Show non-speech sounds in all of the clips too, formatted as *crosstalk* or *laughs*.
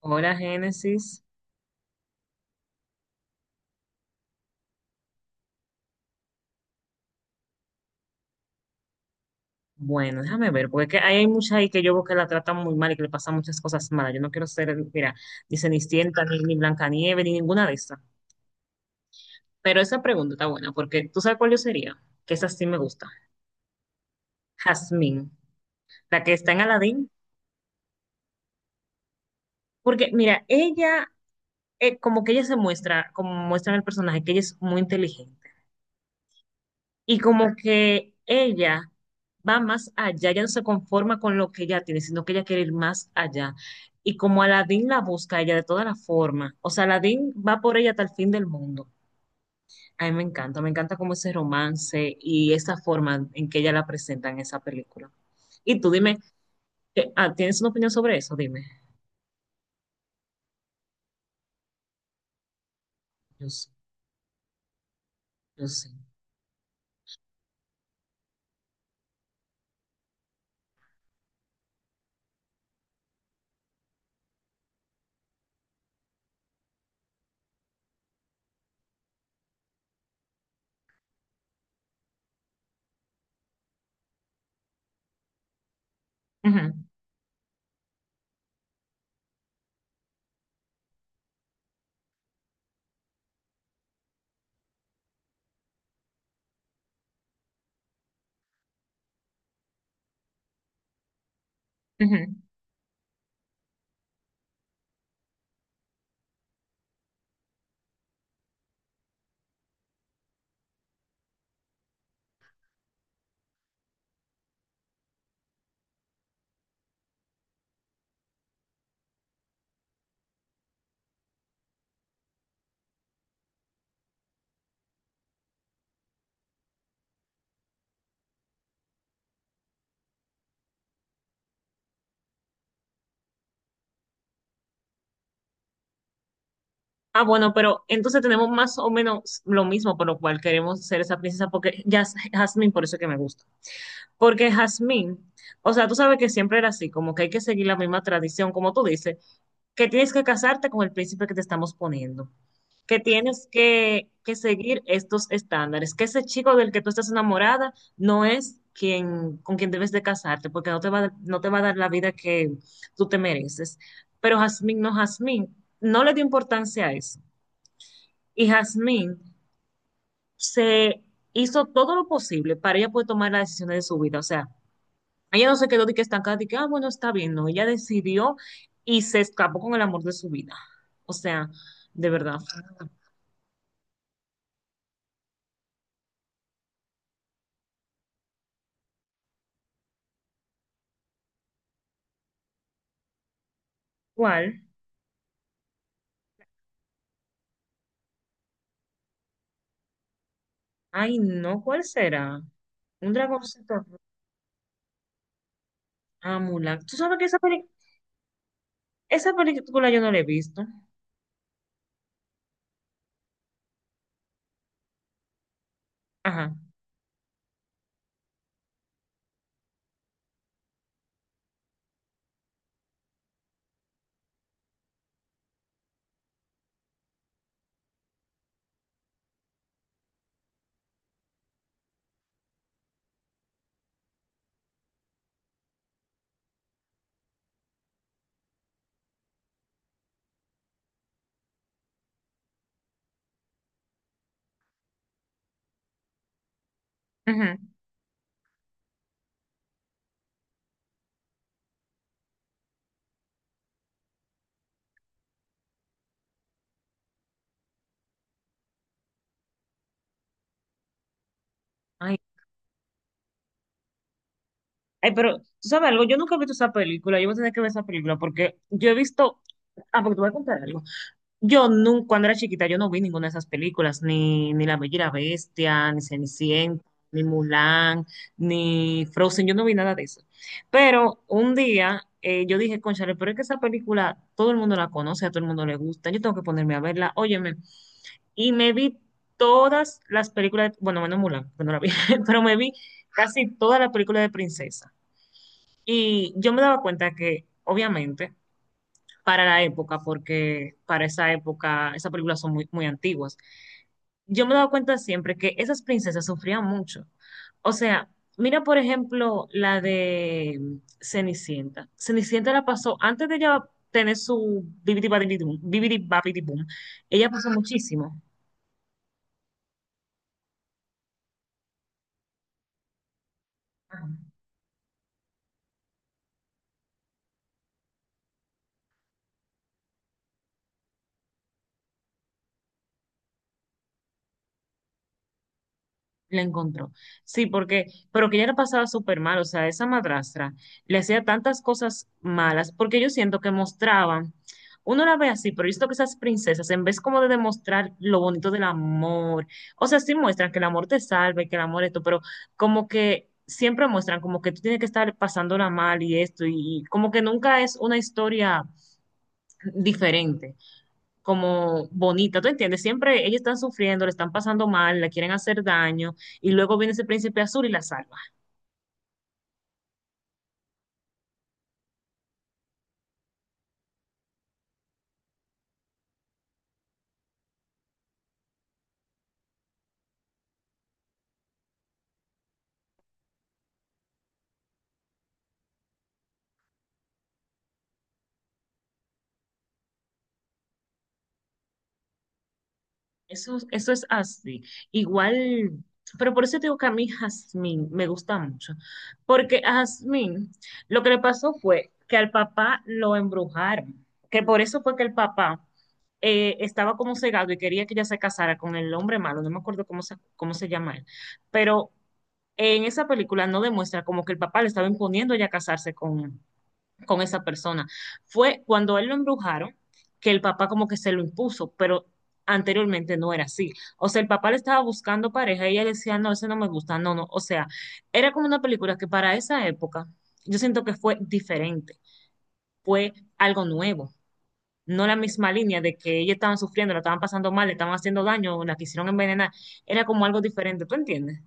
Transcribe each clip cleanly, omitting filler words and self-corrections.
Hola, Génesis. Bueno, déjame ver, porque es que hay muchas ahí que yo veo que la tratan muy mal y que le pasan muchas cosas malas. Yo no quiero ser, mira, ni Cenicienta, ni Blancanieves, ni ninguna de esas. Pero esa pregunta está buena, porque tú sabes cuál yo sería, que esa sí me gusta. Jasmine, la que está en Aladdin. Porque, mira, ella, como que ella se muestra, como muestra en el personaje, que ella es muy inteligente. Y como que ella va más allá, ella no se conforma con lo que ella tiene, sino que ella quiere ir más allá. Y como Aladdin la busca a ella de todas las formas, o sea, Aladdin va por ella hasta el fin del mundo. A mí me encanta como ese romance y esa forma en que ella la presenta en esa película. Y tú dime, ¿tienes una opinión sobre eso? Dime. Yo, yo sé. Ujú, ujú. Ah, bueno, pero entonces tenemos más o menos lo mismo por lo cual queremos ser esa princesa, porque ya es Jasmine, por eso que me gusta. Porque Jazmín, o sea, tú sabes que siempre era así, como que hay que seguir la misma tradición, como tú dices, que tienes que casarte con el príncipe que te estamos poniendo, que tienes que seguir estos estándares, que ese chico del que tú estás enamorada no es quien, con quien debes de casarte, porque no te va, no te va a dar la vida que tú te mereces. Pero Jazmín no le dio importancia a eso. Y Jazmín se hizo todo lo posible para ella poder tomar las decisiones de su vida, o sea ella no se quedó de que estancada, de que, ah, bueno, está bien, no. Ella decidió y se escapó con el amor de su vida. O sea, de verdad. ¿Cuál? Ay, no, ¿cuál será? Un dragoncito. Ah, Mulan. ¿Tú sabes que esa esa película yo no la he visto? Ajá. Ujú. Ay, ay, pero, ¿tú sabes algo? Yo nunca he visto esa película. Yo voy a tener que ver esa película porque yo he visto... Ah, porque te voy a contar algo. Yo nunca, cuando era chiquita, yo no vi ninguna de esas películas, ni La Bella y la Bestia, ni Cenicienta, ni Mulan, ni Frozen, yo no vi nada de eso. Pero un día yo dije, cónchale, pero es que esa película todo el mundo la conoce, a todo el mundo le gusta, yo tengo que ponerme a verla, óyeme. Y me vi todas las películas, bueno, menos Mulan, que no la vi, *laughs* pero me vi casi todas las películas de princesa. Y yo me daba cuenta que, obviamente, para la época, porque para esa época esas películas son muy, muy antiguas. Yo me he dado cuenta siempre que esas princesas sufrían mucho. O sea, mira por ejemplo la de Cenicienta. Cenicienta la pasó antes de ella tener su bibidi babidi boom, ella pasó muchísimo. La encontró. Sí, porque, pero que ella la pasaba súper mal, o sea, esa madrastra le hacía tantas cosas malas, porque yo siento que mostraban, uno la ve así, pero yo siento que esas princesas, en vez como de demostrar lo bonito del amor, o sea, sí muestran que el amor te salve, que el amor esto, pero como que siempre muestran como que tú tienes que estar pasándola mal y esto, y como que nunca es una historia diferente como bonita, ¿tú entiendes? Siempre ellos están sufriendo, le están pasando mal, la quieren hacer daño, y luego viene ese príncipe azul y la salva. Eso es así. Igual, pero por eso te digo que a mí Jasmine me gusta mucho, porque a Jasmine lo que le pasó fue que al papá lo embrujaron, que por eso fue que el papá estaba como cegado y quería que ella se casara con el hombre malo, no me acuerdo cómo se llama él, pero en esa película no demuestra como que el papá le estaba imponiendo a ella casarse con esa persona. Fue cuando él lo embrujaron que el papá como que se lo impuso, pero anteriormente no era así. O sea, el papá le estaba buscando pareja y ella le decía, no, ese no me gusta, no, no. O sea, era como una película que para esa época yo siento que fue diferente, fue algo nuevo no la misma línea de que ellos estaban sufriendo, la estaban pasando mal, le estaban haciendo daño, la quisieron envenenar, era como algo diferente, ¿tú entiendes?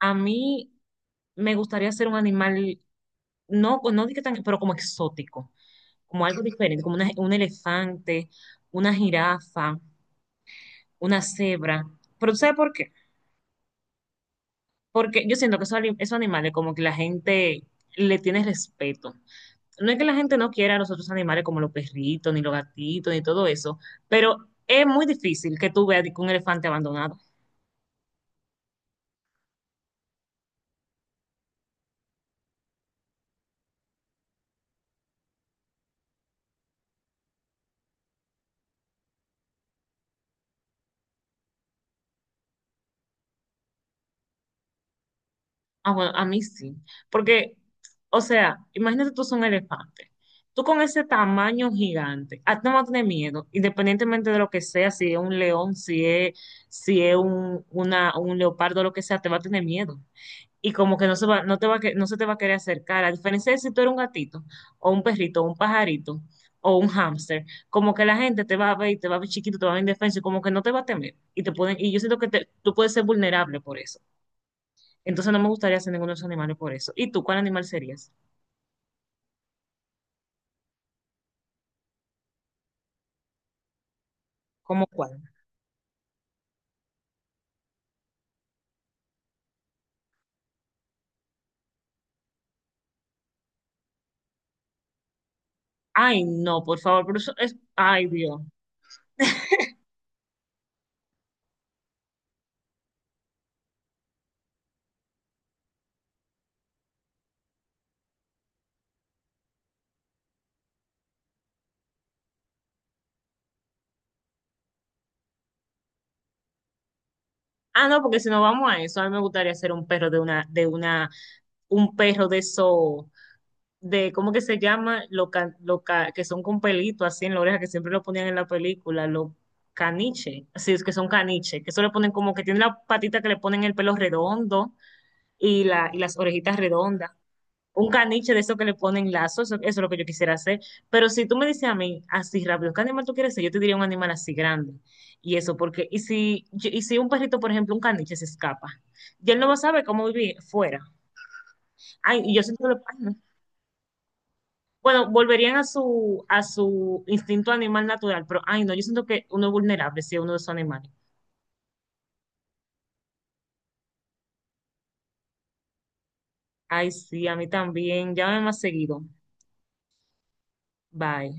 A mí me gustaría ser un animal, no, no digo que tan, pero como exótico, como algo diferente, como un elefante, una jirafa, una cebra, pero ¿tú ¿sabes por qué? Porque yo siento que esos, esos animales como que la gente le tiene respeto. No es que la gente no quiera a los otros animales como los perritos, ni los gatitos, ni todo eso, pero es muy difícil que tú veas un elefante abandonado. Ah, bueno, a mí sí, porque, o sea, imagínate tú son un elefante. Tú con ese tamaño gigante, a ti no vas a tener miedo, independientemente de lo que sea, si es un león, si es, si es un leopardo, lo que sea, te va a tener miedo. Y como que no se va, no te va a no se te va a querer acercar. A diferencia de si tú eres un gatito, o un perrito, o un pajarito, o un hámster, como que la gente te va a ver y te va a ver chiquito, te va a ver indefenso, y como que no te va a temer. Y te pueden, y yo siento que tú puedes ser vulnerable por eso. Entonces no me gustaría ser ninguno de esos animales por eso. ¿Y tú cuál animal serías? ¿Cómo cuál? Ay, no, por favor, pero eso es, ay, Dios. Ah, no, porque si no vamos a eso, a mí me gustaría ser un perro de un perro de esos de, ¿cómo que se llama? Lo, que son con pelito así en la oreja, que siempre lo ponían en la película, lo caniche, así es que son caniche, que eso le ponen como que tiene la patita que le ponen el pelo redondo y, la, y las orejitas redondas. Un caniche de eso que le ponen lazo, eso es lo que yo quisiera hacer. Pero si tú me dices a mí, así rápido, ¿qué animal tú quieres ser? Yo te diría un animal así grande. Y eso, porque, y si un perrito, por ejemplo, un caniche se escapa, y él no va a saber cómo vivir fuera. Ay, y yo siento que, ay, bueno, volverían a su instinto animal natural, pero ay, no, yo siento que uno es vulnerable si es uno de esos animales. Ay, sí, a mí también. Llámame más seguido. Bye.